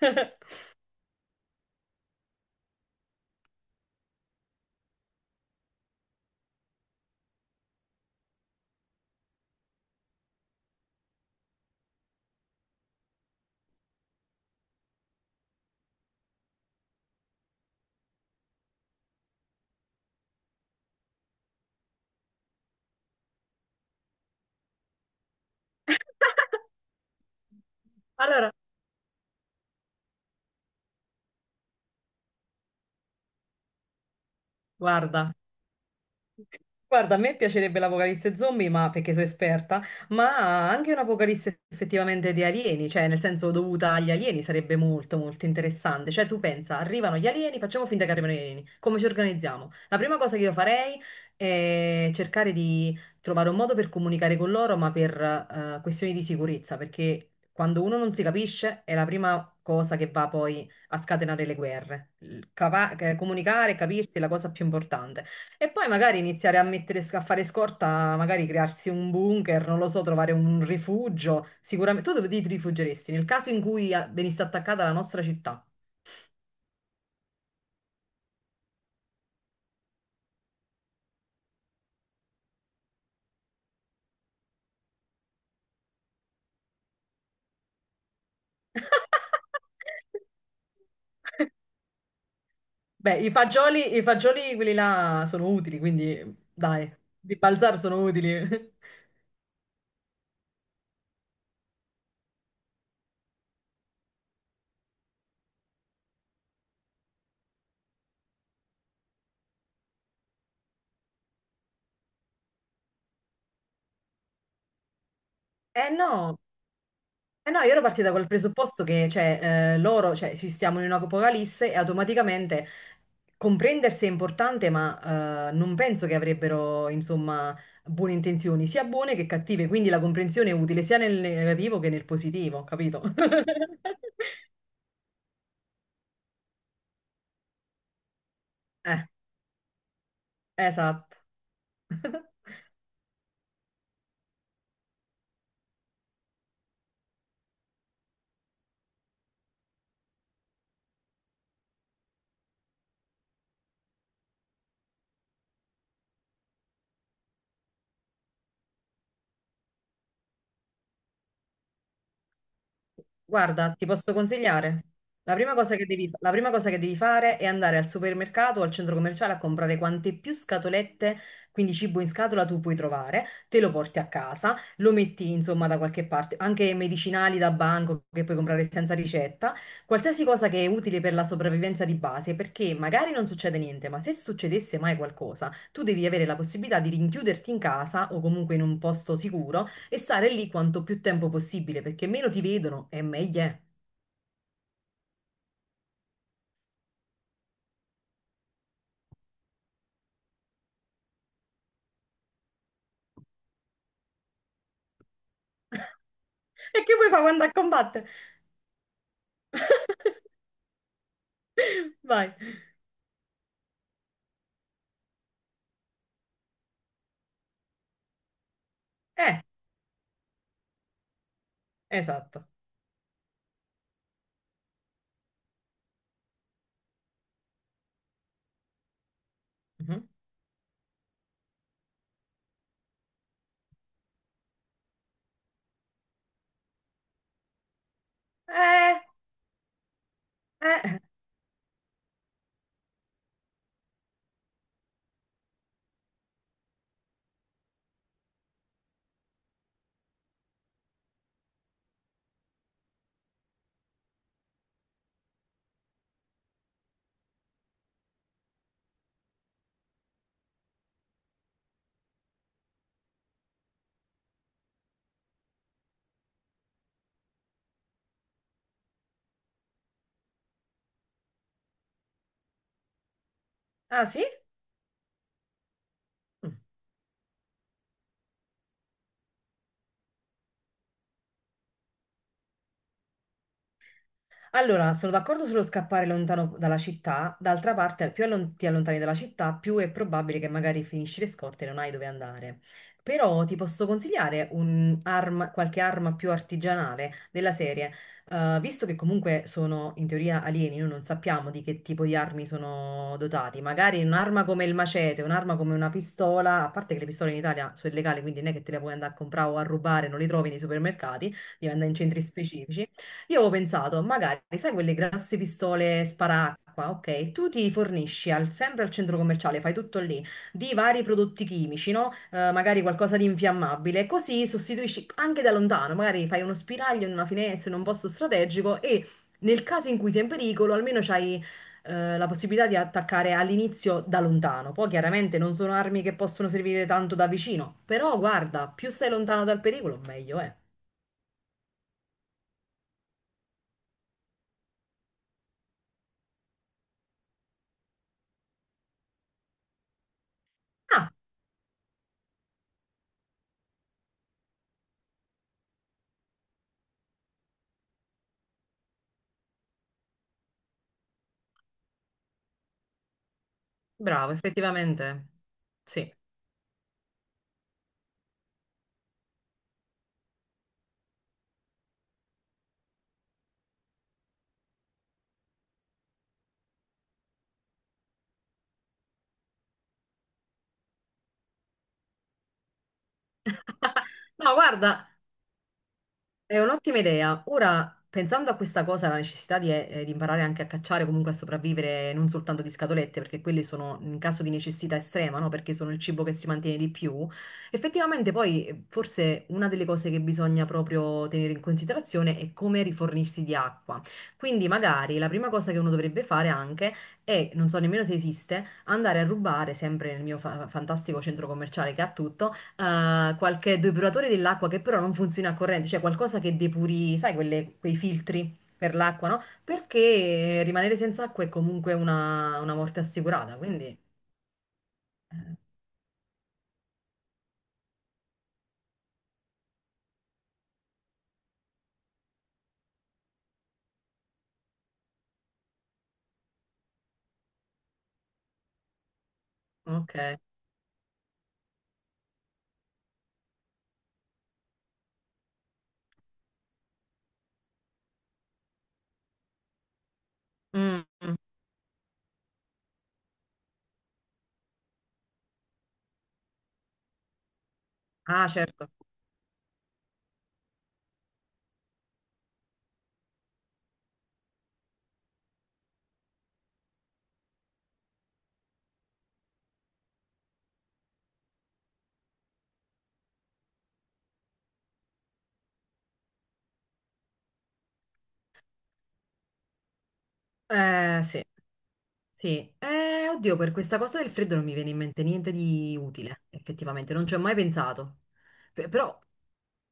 Allora, guarda, Guarda, a me piacerebbe l'apocalisse zombie, ma perché sono esperta, ma anche un'apocalisse effettivamente di alieni, cioè nel senso dovuta agli alieni sarebbe molto molto interessante. Cioè tu pensa, arrivano gli alieni, facciamo finta che arrivano gli alieni, come ci organizziamo? La prima cosa che io farei è cercare di trovare un modo per comunicare con loro, ma per questioni di sicurezza, perché quando uno non si capisce è la prima cosa che va poi a scatenare le guerre. Il capa- comunicare e capirsi è la cosa più importante. E poi magari iniziare a mettere, a fare scorta, magari crearsi un bunker, non lo so, trovare un rifugio. Sicuramente. Tu dove ti rifugeresti? Nel caso in cui venisse attaccata la nostra città. Beh, i fagioli quelli là sono utili, quindi dai, di Balzar sono utili. Eh no, Eh no, io ero partita col presupposto che cioè, loro, cioè, ci stiamo in un'apocalisse e automaticamente comprendersi è importante, ma non penso che avrebbero, insomma, buone intenzioni, sia buone che cattive, quindi la comprensione è utile sia nel negativo che nel positivo, capito? Eh, esatto. Guarda, ti posso consigliare. La prima cosa che devi, la prima cosa che devi fare è andare al supermercato o al centro commerciale a comprare quante più scatolette, quindi cibo in scatola tu puoi trovare, te lo porti a casa, lo metti insomma da qualche parte, anche medicinali da banco che puoi comprare senza ricetta, qualsiasi cosa che è utile per la sopravvivenza di base, perché magari non succede niente, ma se succedesse mai qualcosa, tu devi avere la possibilità di rinchiuderti in casa o comunque in un posto sicuro e stare lì quanto più tempo possibile, perché meno ti vedono e meglio è. E che vuoi fare quando a combattere? Vai. Eh, esatto. Mhm. Eh, Eh, ah sì? Mm. Allora, sono d'accordo sullo scappare lontano dalla città, d'altra parte più allon- ti allontani dalla città, più è probabile che magari finisci le scorte e non hai dove andare. Però ti posso consigliare un arma- qualche arma più artigianale della serie, visto che comunque sono in teoria alieni, noi non sappiamo di che tipo di armi sono dotati, magari un'arma come il macete, un'arma come una pistola, a parte che le pistole in Italia sono illegali, quindi non è che te le puoi andare a comprare o a rubare, non le trovi nei supermercati, devi andare in centri specifici. Io avevo pensato, magari, sai quelle grosse pistole sparacqua, ok? Tu ti fornisci al- sempre al centro commerciale, fai tutto lì, di vari prodotti chimici, no? Magari qualcosa di infiammabile, così sostituisci anche da lontano, magari fai uno spiraglio in una finestra, in un posto strategico e nel caso in cui sei in pericolo, almeno c'hai la possibilità di attaccare all'inizio da lontano. Poi chiaramente non sono armi che possono servire tanto da vicino, però guarda, più stai lontano dal pericolo, meglio è. Ah, bravo, effettivamente. Sì. No, guarda, è un'ottima idea. Ora, pensando a questa cosa, la necessità di imparare anche a cacciare, comunque a sopravvivere, non soltanto di scatolette, perché quelle sono in caso di necessità estrema, no? Perché sono il cibo che si mantiene di più. Effettivamente, poi, forse una delle cose che bisogna proprio tenere in considerazione è come rifornirsi di acqua. Quindi, magari la prima cosa che uno dovrebbe fare anche è, non so nemmeno se esiste, andare a rubare, sempre nel mio fa- fantastico centro commerciale che ha tutto qualche depuratore dell'acqua che però non funziona a corrente, cioè qualcosa che depuri, sai, quelle- quei filtri per l'acqua, no? Perché rimanere senza acqua è comunque una morte assicurata, quindi... eh, Ok. Mm, mm. Ah, certo. Sì, sì. Oddio, per questa cosa del freddo non mi viene in mente niente di utile, effettivamente, non ci ho mai pensato. Pe- Però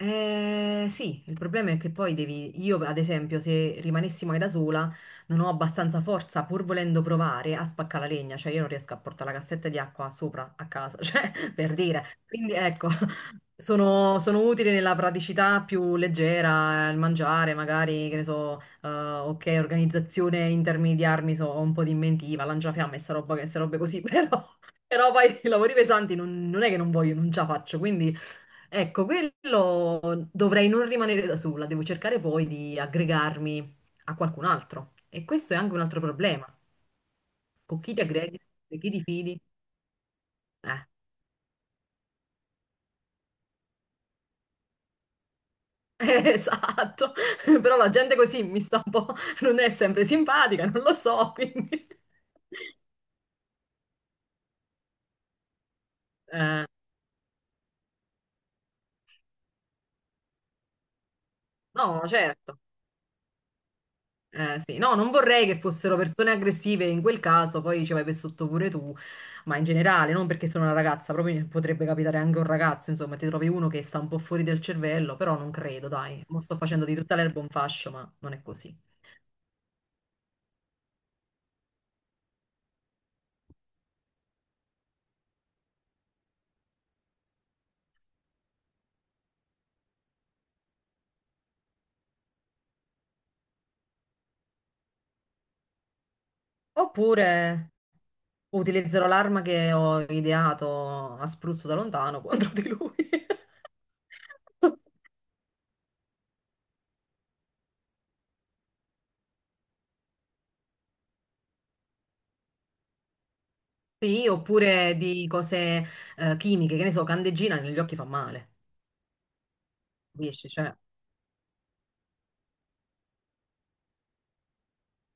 Sì, il problema è che poi devi, io ad esempio, se rimanessi mai da sola, non ho abbastanza forza, pur volendo provare, a spaccare la legna, cioè io non riesco a portare la cassetta di acqua sopra a casa, cioè per dire. Quindi ecco, sono, sono utile nella praticità più leggera, il mangiare, magari, che ne so, ok, organizzazione in termini di armi, so, ho un po' di inventiva, lanciafiamme, e sta roba, che- sta robe così, però, però poi i lavori pesanti non, non è che non voglio, non ce la faccio, quindi... Ecco, quello dovrei non rimanere da sola, devo cercare poi di aggregarmi a qualcun altro. E questo è anche un altro problema. Con chi ti aggreghi, di chi ti fidi? Eh, esatto. Però la gente così mi sta un po', non è sempre simpatica, non lo so, quindi... Eh, no, certo. Sì, no, non vorrei che fossero persone aggressive in quel caso, poi ci vai per sotto pure tu, ma in generale, non perché sono una ragazza, proprio potrebbe capitare anche a un ragazzo, insomma, ti trovi uno che sta un po' fuori del cervello, però non credo, dai, mo sto facendo di tutta l'erba un fascio, ma non è così. Oppure utilizzerò l'arma che ho ideato a spruzzo da lontano contro di lui. Sì, oppure di cose chimiche, che ne so, candeggina negli occhi fa male, capisci? Cioè,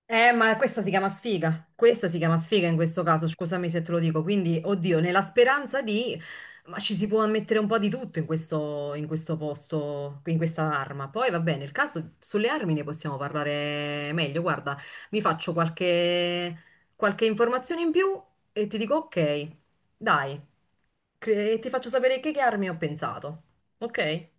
Ma questa si chiama sfiga. Questa si chiama sfiga in questo caso, scusami se te lo dico. Quindi, oddio, nella speranza di... Ma ci si può mettere un po' di tutto in questo posto, in questa arma. Poi va bene, nel caso sulle armi ne possiamo parlare meglio. Guarda, mi faccio qualche, qualche informazione in più e ti dico ok, dai, cre- e ti faccio sapere che armi ho pensato. Ok?